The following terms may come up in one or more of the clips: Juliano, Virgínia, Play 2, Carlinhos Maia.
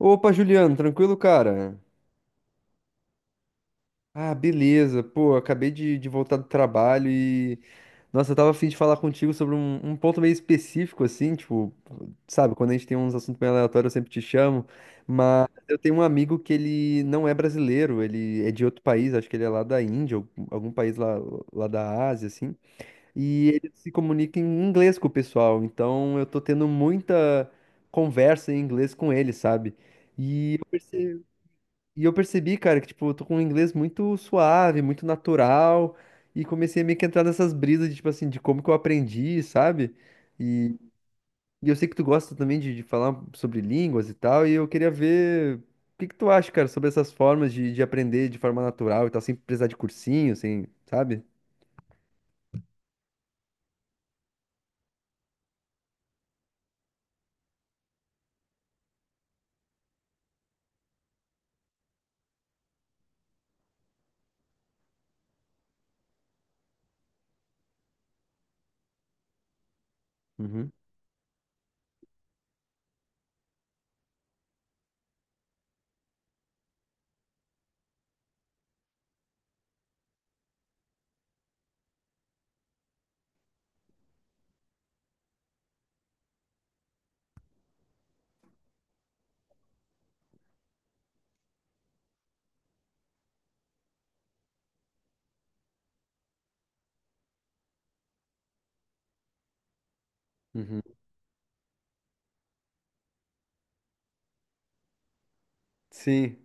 Opa, Juliano, tranquilo, cara? Ah, beleza. Pô, acabei de voltar do trabalho e. Nossa, eu tava a fim de falar contigo sobre um ponto meio específico, assim, tipo, sabe, quando a gente tem uns assuntos meio aleatórios, eu sempre te chamo. Mas eu tenho um amigo que ele não é brasileiro, ele é de outro país, acho que ele é lá da Índia, ou algum país lá, lá da Ásia, assim. E ele se comunica em inglês com o pessoal, então eu tô tendo muita conversa em inglês com ele, sabe? E eu percebi. E eu percebi, cara, que, tipo, eu tô com um inglês muito suave, muito natural, e comecei a meio que entrar nessas brisas de, tipo assim, de como que eu aprendi, sabe? E, e eu sei que tu gosta também de falar sobre línguas e tal, e eu queria ver o que que tu acha, cara, sobre essas formas de aprender de forma natural e tal, sem precisar de cursinho, sem, sabe? Uhum, uhum. Sim.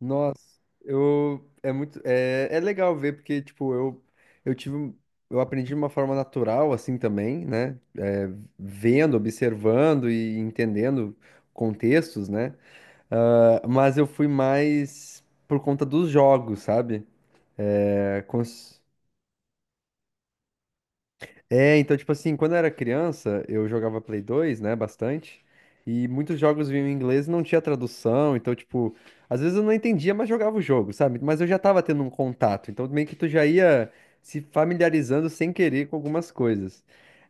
Nossa, eu muito é legal ver porque tipo eu eu aprendi de uma forma natural assim também, né? É, Vendo, observando e entendendo contextos, né? Ah, mas eu fui mais por conta dos jogos, sabe? É, cons- então, tipo assim, quando eu era criança, eu jogava Play 2, né, bastante, e muitos jogos vinham em inglês e não tinha tradução, então, tipo, às vezes eu não entendia, mas jogava o jogo, sabe? Mas eu já tava tendo um contato, então meio que tu já ia se familiarizando sem querer com algumas coisas.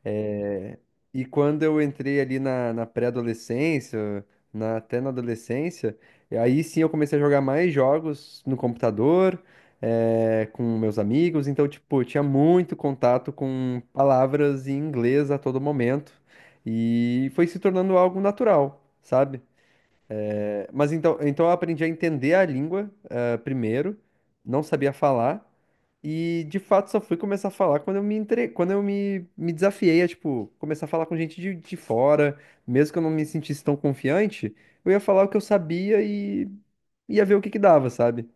É, E quando eu entrei ali na, até na adolescência, aí sim eu comecei a jogar mais jogos no computador, com meus amigos, então, tipo, eu tinha muito contato com palavras em inglês a todo momento e foi se tornando algo natural, sabe? Mas então eu aprendi a entender a língua, primeiro, não sabia falar e de fato só fui começar a falar quando eu me desafiei a, tipo, começar a falar com gente de fora, mesmo que eu não me sentisse tão confiante, eu ia falar o que eu sabia e ia ver o que que dava, sabe?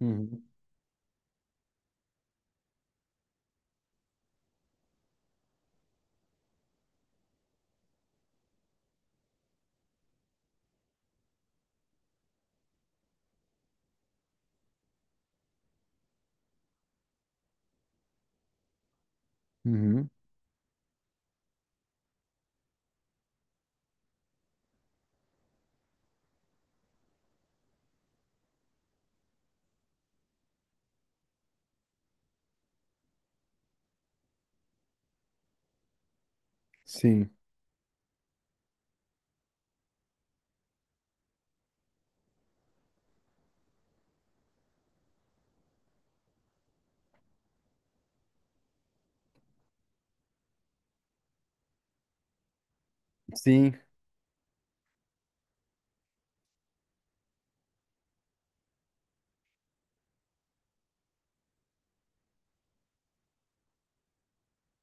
Uhum. Uhum. Sim. Sim,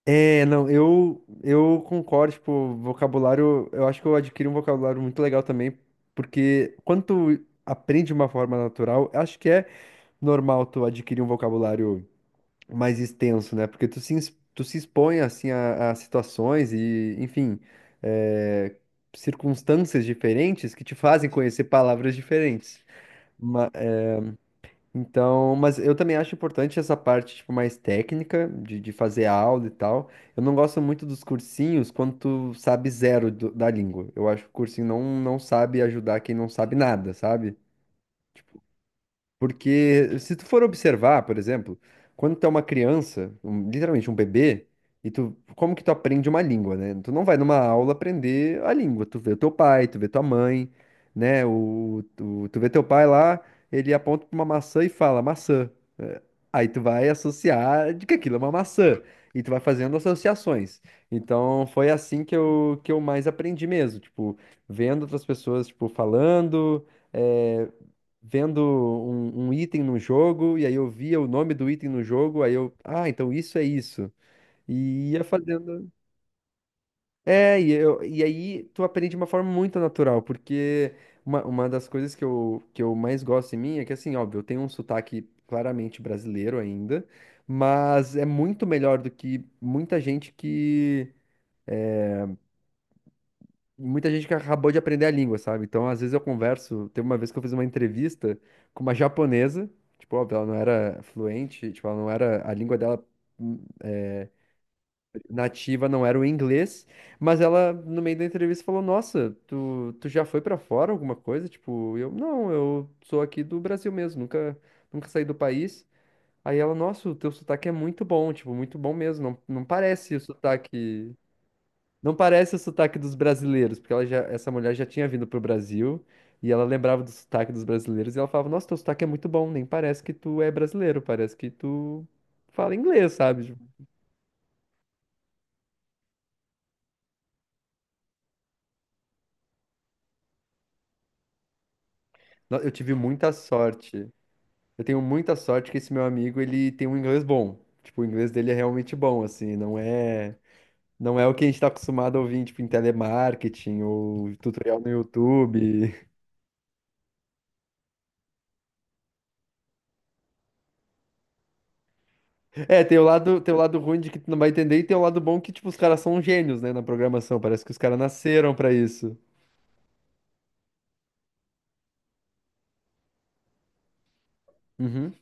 é, não, eu concordo, tipo, vocabulário, eu acho que eu adquiri um vocabulário muito legal também, porque quando tu aprende de uma forma natural, eu acho que é normal tu adquirir um vocabulário mais extenso, né? Porque tu se expõe, assim, a situações e, enfim, é, circunstâncias diferentes que te fazem conhecer palavras diferentes. Então, mas eu também acho importante essa parte, tipo, mais técnica, de fazer aula e tal. Eu não gosto muito dos cursinhos quando tu sabe da língua. Eu acho que o cursinho não sabe ajudar quem não sabe nada, sabe? Porque se tu for observar, por exemplo, quando tu é uma criança, literalmente um bebê, e tu, como que tu aprende uma língua, né? Tu não vai numa aula aprender a língua, tu vê o teu pai, tu vê tua mãe, né? Tu vê teu pai lá, ele aponta pra uma maçã e fala maçã. É, Aí tu vai associar de que aquilo é uma maçã, e tu vai fazendo associações. Então foi assim que eu mais aprendi mesmo, tipo, vendo outras pessoas, tipo, falando. é, Vendo um item no jogo, e aí eu via o nome do item no jogo, aí eu, ah, então isso é isso. E ia fazendo. E aí tu aprende de uma forma muito natural, porque uma das coisas que eu mais gosto em mim é que, assim, óbvio, eu tenho um sotaque claramente brasileiro ainda, mas é muito melhor do que muita gente que acabou de aprender a língua, sabe? Então, às vezes eu converso. Teve uma vez que eu fiz uma entrevista com uma japonesa, tipo, óbvio, ela não era fluente, tipo, ela não era, a língua dela hum, é, nativa não era o inglês, mas ela, no meio da entrevista, falou: Nossa, tu já foi pra fora alguma coisa? Tipo, eu, não, eu sou aqui do Brasil mesmo, nunca, nunca saí do país. Aí ela, nossa, o teu sotaque é muito bom, tipo, muito bom mesmo, não parece o sotaque. Não parece o sotaque dos brasileiros, porque ela já, essa mulher já tinha vindo pro Brasil e ela lembrava do sotaque dos brasileiros e ela falava: Nossa, teu sotaque é muito bom, nem parece que tu é brasileiro, parece que tu fala inglês, sabe? Tipo, eu tive muita sorte. Eu tenho muita sorte que esse meu amigo, ele tem um inglês bom. Tipo, o inglês dele é realmente bom, assim, não é, não é o que a gente tá acostumado a ouvir, tipo, em telemarketing ou tutorial no YouTube. É, tem o lado ruim de que tu não vai entender e tem o lado bom que, tipo, os caras são gênios, né, na programação. Parece que os caras nasceram pra isso. Uhum,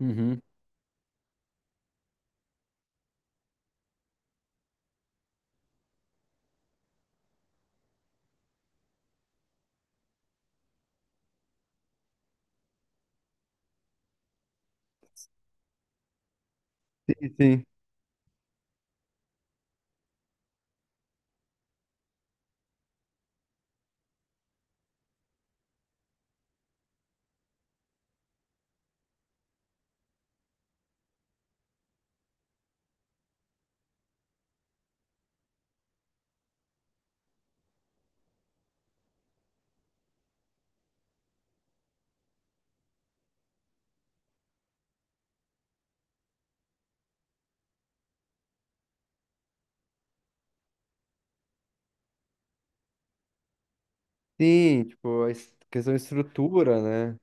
uhum. Sim, sim. Sim, tipo, questão de estrutura, né?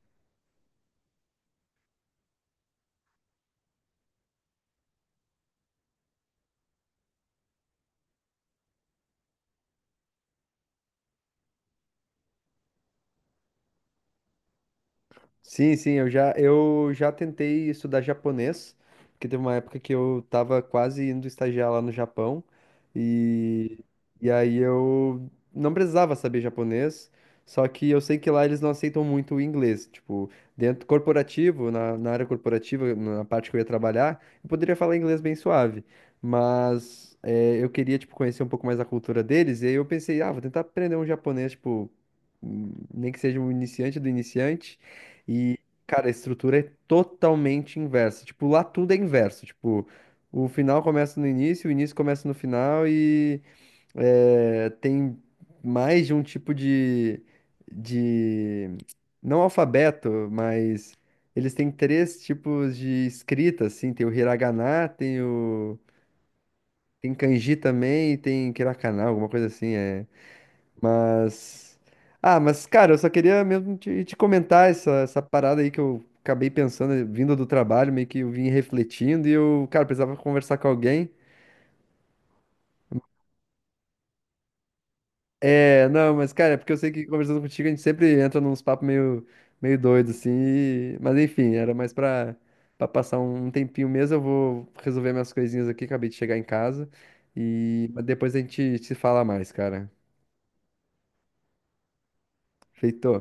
Sim, sim, eu já tentei estudar japonês, porque teve uma época que eu tava quase indo estagiar lá no Japão, e, e aí eu não precisava saber japonês, só que eu sei que lá eles não aceitam muito o inglês, tipo, dentro corporativo, na, na área corporativa, na parte que eu ia trabalhar, eu poderia falar inglês bem suave, mas eu queria, tipo, conhecer um pouco mais a cultura deles, e aí eu pensei, ah, vou tentar aprender um japonês, tipo, nem que seja um iniciante do iniciante, e, cara, a estrutura é totalmente inversa. Tipo, lá tudo é inverso. Tipo, o final começa no início, o início começa no final e tem mais de um tipo de... Não alfabeto, mas eles têm três tipos de escrita, assim. Tem o hiragana, tem o... Tem kanji também e tem katakana, alguma coisa assim. É... Mas. Ah, mas, cara, eu só queria mesmo te, te comentar essa, essa parada aí que eu acabei pensando, vindo do trabalho, meio que eu vim refletindo e eu, cara, precisava conversar com alguém. É, não, mas, cara, é porque eu sei que conversando contigo a gente sempre entra nos papos meio, meio doido, assim. Mas, enfim, era mais pra, pra passar um tempinho mesmo. Eu vou resolver minhas coisinhas aqui, acabei de chegar em casa. E mas depois a gente se fala mais, cara. Feito.